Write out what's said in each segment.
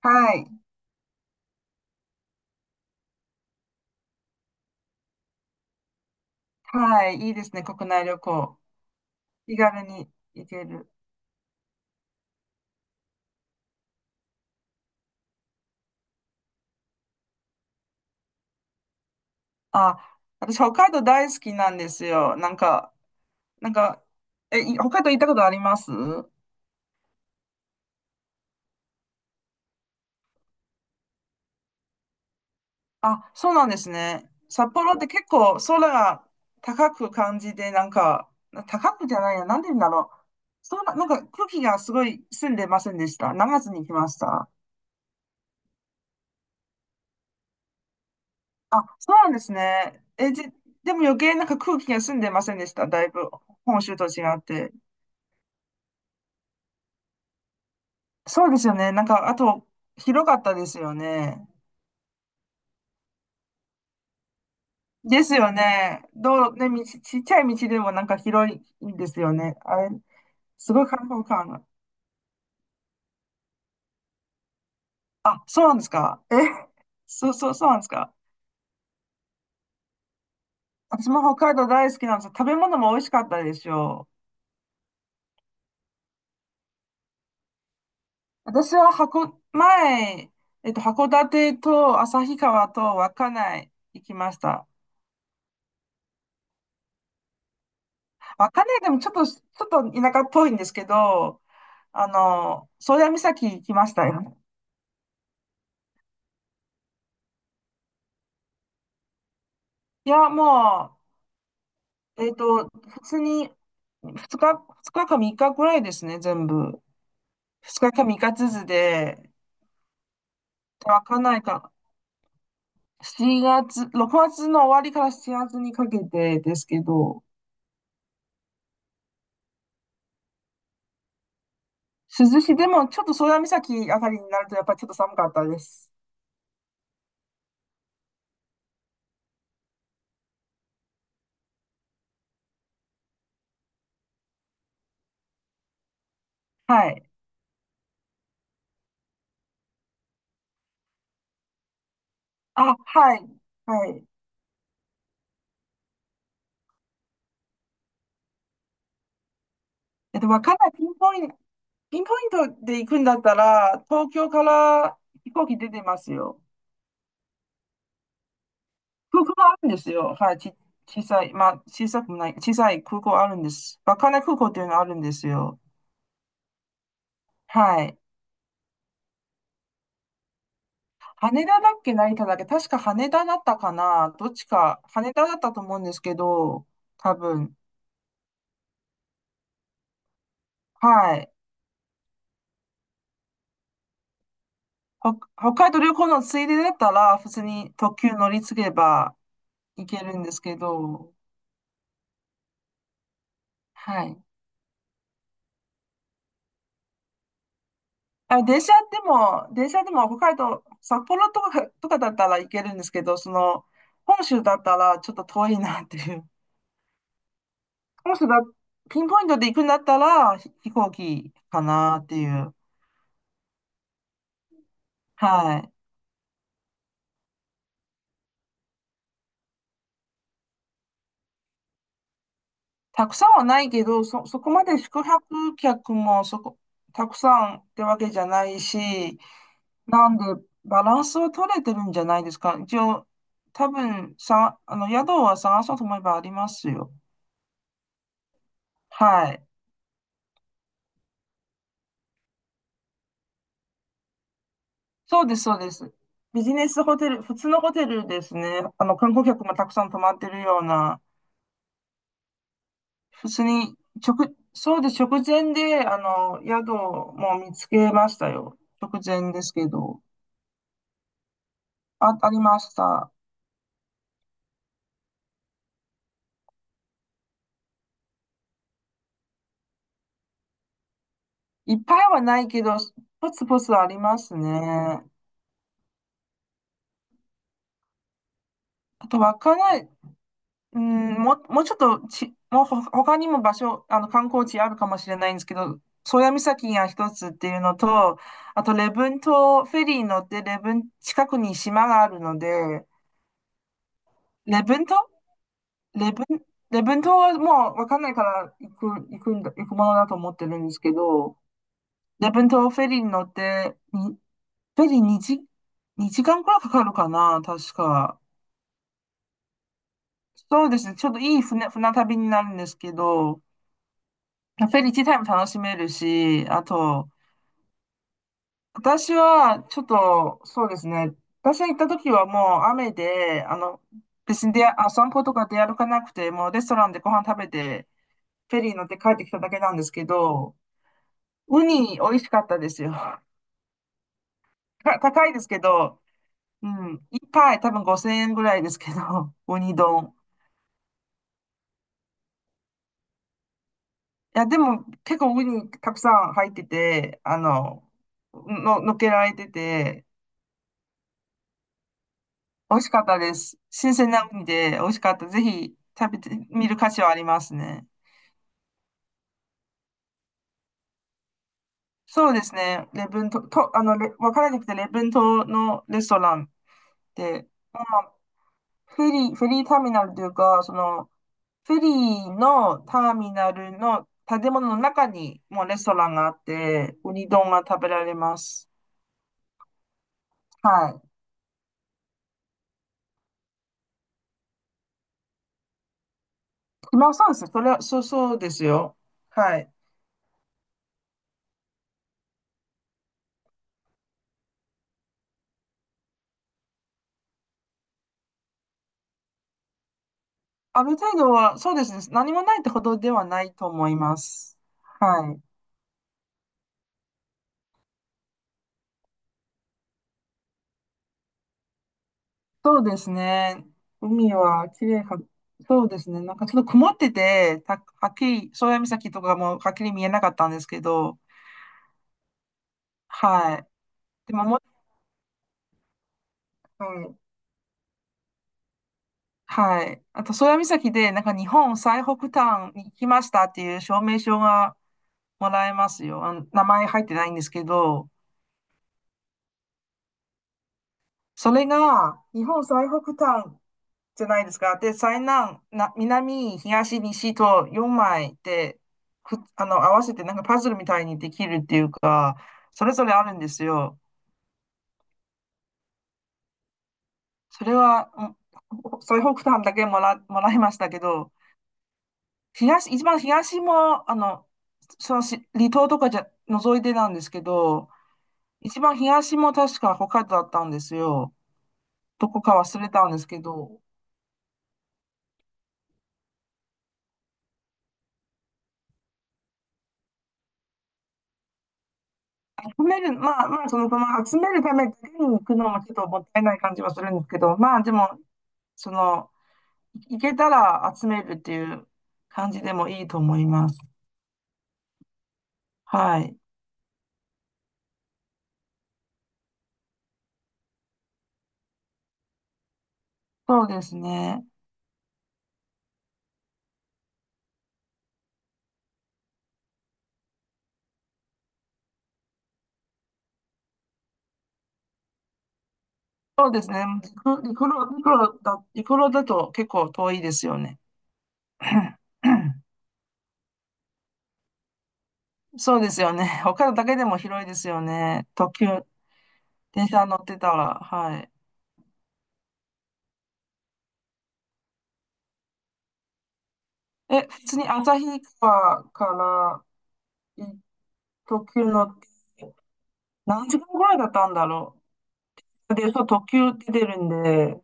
はい。はい。いいですね、国内旅行。気軽に行ける。あ、私、北海道大好きなんですよ。なんか、北海道行ったことあります？あ、そうなんですね。札幌って結構空が高く感じで、なんか、高くじゃないや、なんて言うんだろう。なんか空気がすごい澄んでませんでした？7月に来ました。あ、そうなんですね。でも余計なんか空気が澄んでませんでした？だいぶ本州と違って。そうですよね。なんか、あと、広かったですよね。ですよね。道路、ね、ちっちゃい道でもなんか広いんですよね。あれ、すごい開放感が。あ、そうなんですか？え、そうそう、そうなんですか？私も北海道大好きなんですよ。食べ物も美味しかったでしょう。私は前、函館と旭川と稚内行きました。稚内でもちょっと田舎っぽいんですけど、宗谷岬行きましたよ。いや、まあ、普通に、2日、二日か3日くらいですね、全部。2日か3日ずつで、わかんないか、7月、6月の終わりから7月にかけてですけど、涼しい、でもちょっと宗谷岬あたりになるとやっぱりちょっと寒かったです。はい。あ、はい。はい。わかんない。ピンポイントで行くんだったら、東京から飛行機出てますよ。空港があるんですよ。はい。小さい、まあ、小さくもない、小さい空港あるんです。稚内空港っていうのがあるんですよ。はい。羽田だっけ、成田だっけ、確か羽田だったかな。どっちか、羽田だったと思うんですけど、多分。はい。北海道旅行のついでだったら、普通に特急乗り継げば行けるんですけど、はい。あ、電車でも北海道、札幌とかだったら行けるんですけど、その、本州だったらちょっと遠いなっていう。もしばピンポイントで行くんだったら、飛行機かなっていう。はい。たくさんはないけど、そこまで宿泊客もたくさんってわけじゃないし、なんでバランスを取れてるんじゃないですか？一応、多分さ、宿は探そうと思えばありますよ。はい。そうです、そうです。ビジネスホテル、普通のホテルですね。観光客もたくさん泊まってるような。別に、直、そうです。直前で、宿も見つけましたよ。直前ですけど。あ、ありました。いっぱいはないけど、ポツポツありますね。あと、わかない、うん、もうちょっとち、もうほ他にも場所、観光地あるかもしれないんですけど、宗谷岬が一つっていうのと、あと、礼文島、フェリーに乗って、近くに島があるので、礼文島礼文、礼文島はもうわかんないから行くものだと思ってるんですけど、礼文島フェリーに乗って、フェリー2時間くらいかかるかな、確か。そうですね、ちょっといい船旅になるんですけど、フェリー自体も楽しめるし、あと、私はちょっと、そうですね、私が行った時はもう雨で、別に散歩とか出歩かなくて、もうレストランでご飯食べて、フェリー乗って帰ってきただけなんですけど、ウニ美味しかったですよ。高いですけど、うん。一杯多分5000円ぐらいですけど、ウニ丼。いや、でも結構ウニたくさん入ってて、のっけられてて、美味しかったです。新鮮なウニで美味しかった。ぜひ食べてみる価値はありますね。そうですね。レブン島、と、わからなくて、レブン島のレストランで、まあ、フェリーターミナルというか、その、フェリーのターミナルの建物の中にもうレストランがあって、ウニ丼が食べられます。はい。今そうですね。それは、そうそうですよ。はい。ある程度は、そうですね。何もないってほどではないと思います。はい。そうですね。海は綺麗か、そうですね。なんかちょっと曇ってて、はっきり、宗谷岬とかもはっきり見えなかったんですけど、はい。でも、はいはい。あと、宗谷岬で、なんか日本最北端に来ましたっていう証明書がもらえますよ。あの名前入ってないんですけど、それが日本最北端じゃないですか。で、最南、な、南、東、西と4枚で、く、あの、合わせてなんかパズルみたいにできるっていうか、それぞれあるんですよ。それは、うん、最北端だけもらいましたけど、一番東も、あの、そのし離島とかじゃ、覗いてなんですけど、一番東も確か北海道だったんですよ。どこか忘れたんですけど、集める、まあまあ、その、まあ、集めるためだけに行くのもちょっともったいない感じはするんですけど、まあでも、その、行けたら集めるっていう感じでもいいと思います。はい。そうですね。そうですね。陸路だと結構遠いですよね。そうですよね。北海だけでも広いですよね。特急、電車乗ってたら。はい。え、普通に旭川からい特急乗って、何時間ぐらいだったんだろう。で、そう、特急出るんで、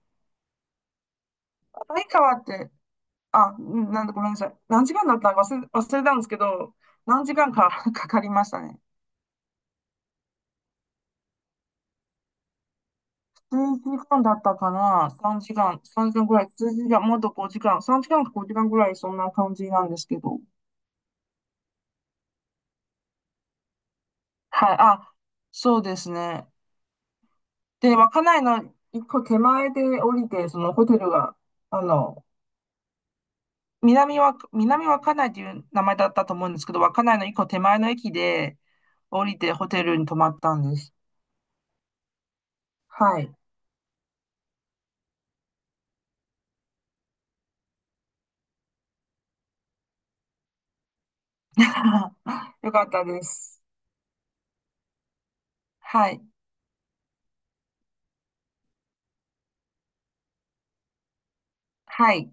旭川って、あ、んなんだ、ごめんなさい。何時間だったか忘れたんですけど、何時間か かかりましたね。数時間だったかな？ 3 時間、3時間ぐらい、数時間、もっと5時間、3時間か5時間ぐらい、そんな感じなんですけど。はい、あ、そうですね。で、稚内の一個手前で降りて、そのホテルが、あの、南稚内という名前だったと思うんですけど、稚内の一個手前の駅で降りてホテルに泊まったんです。はい。よかったです。はい。はい。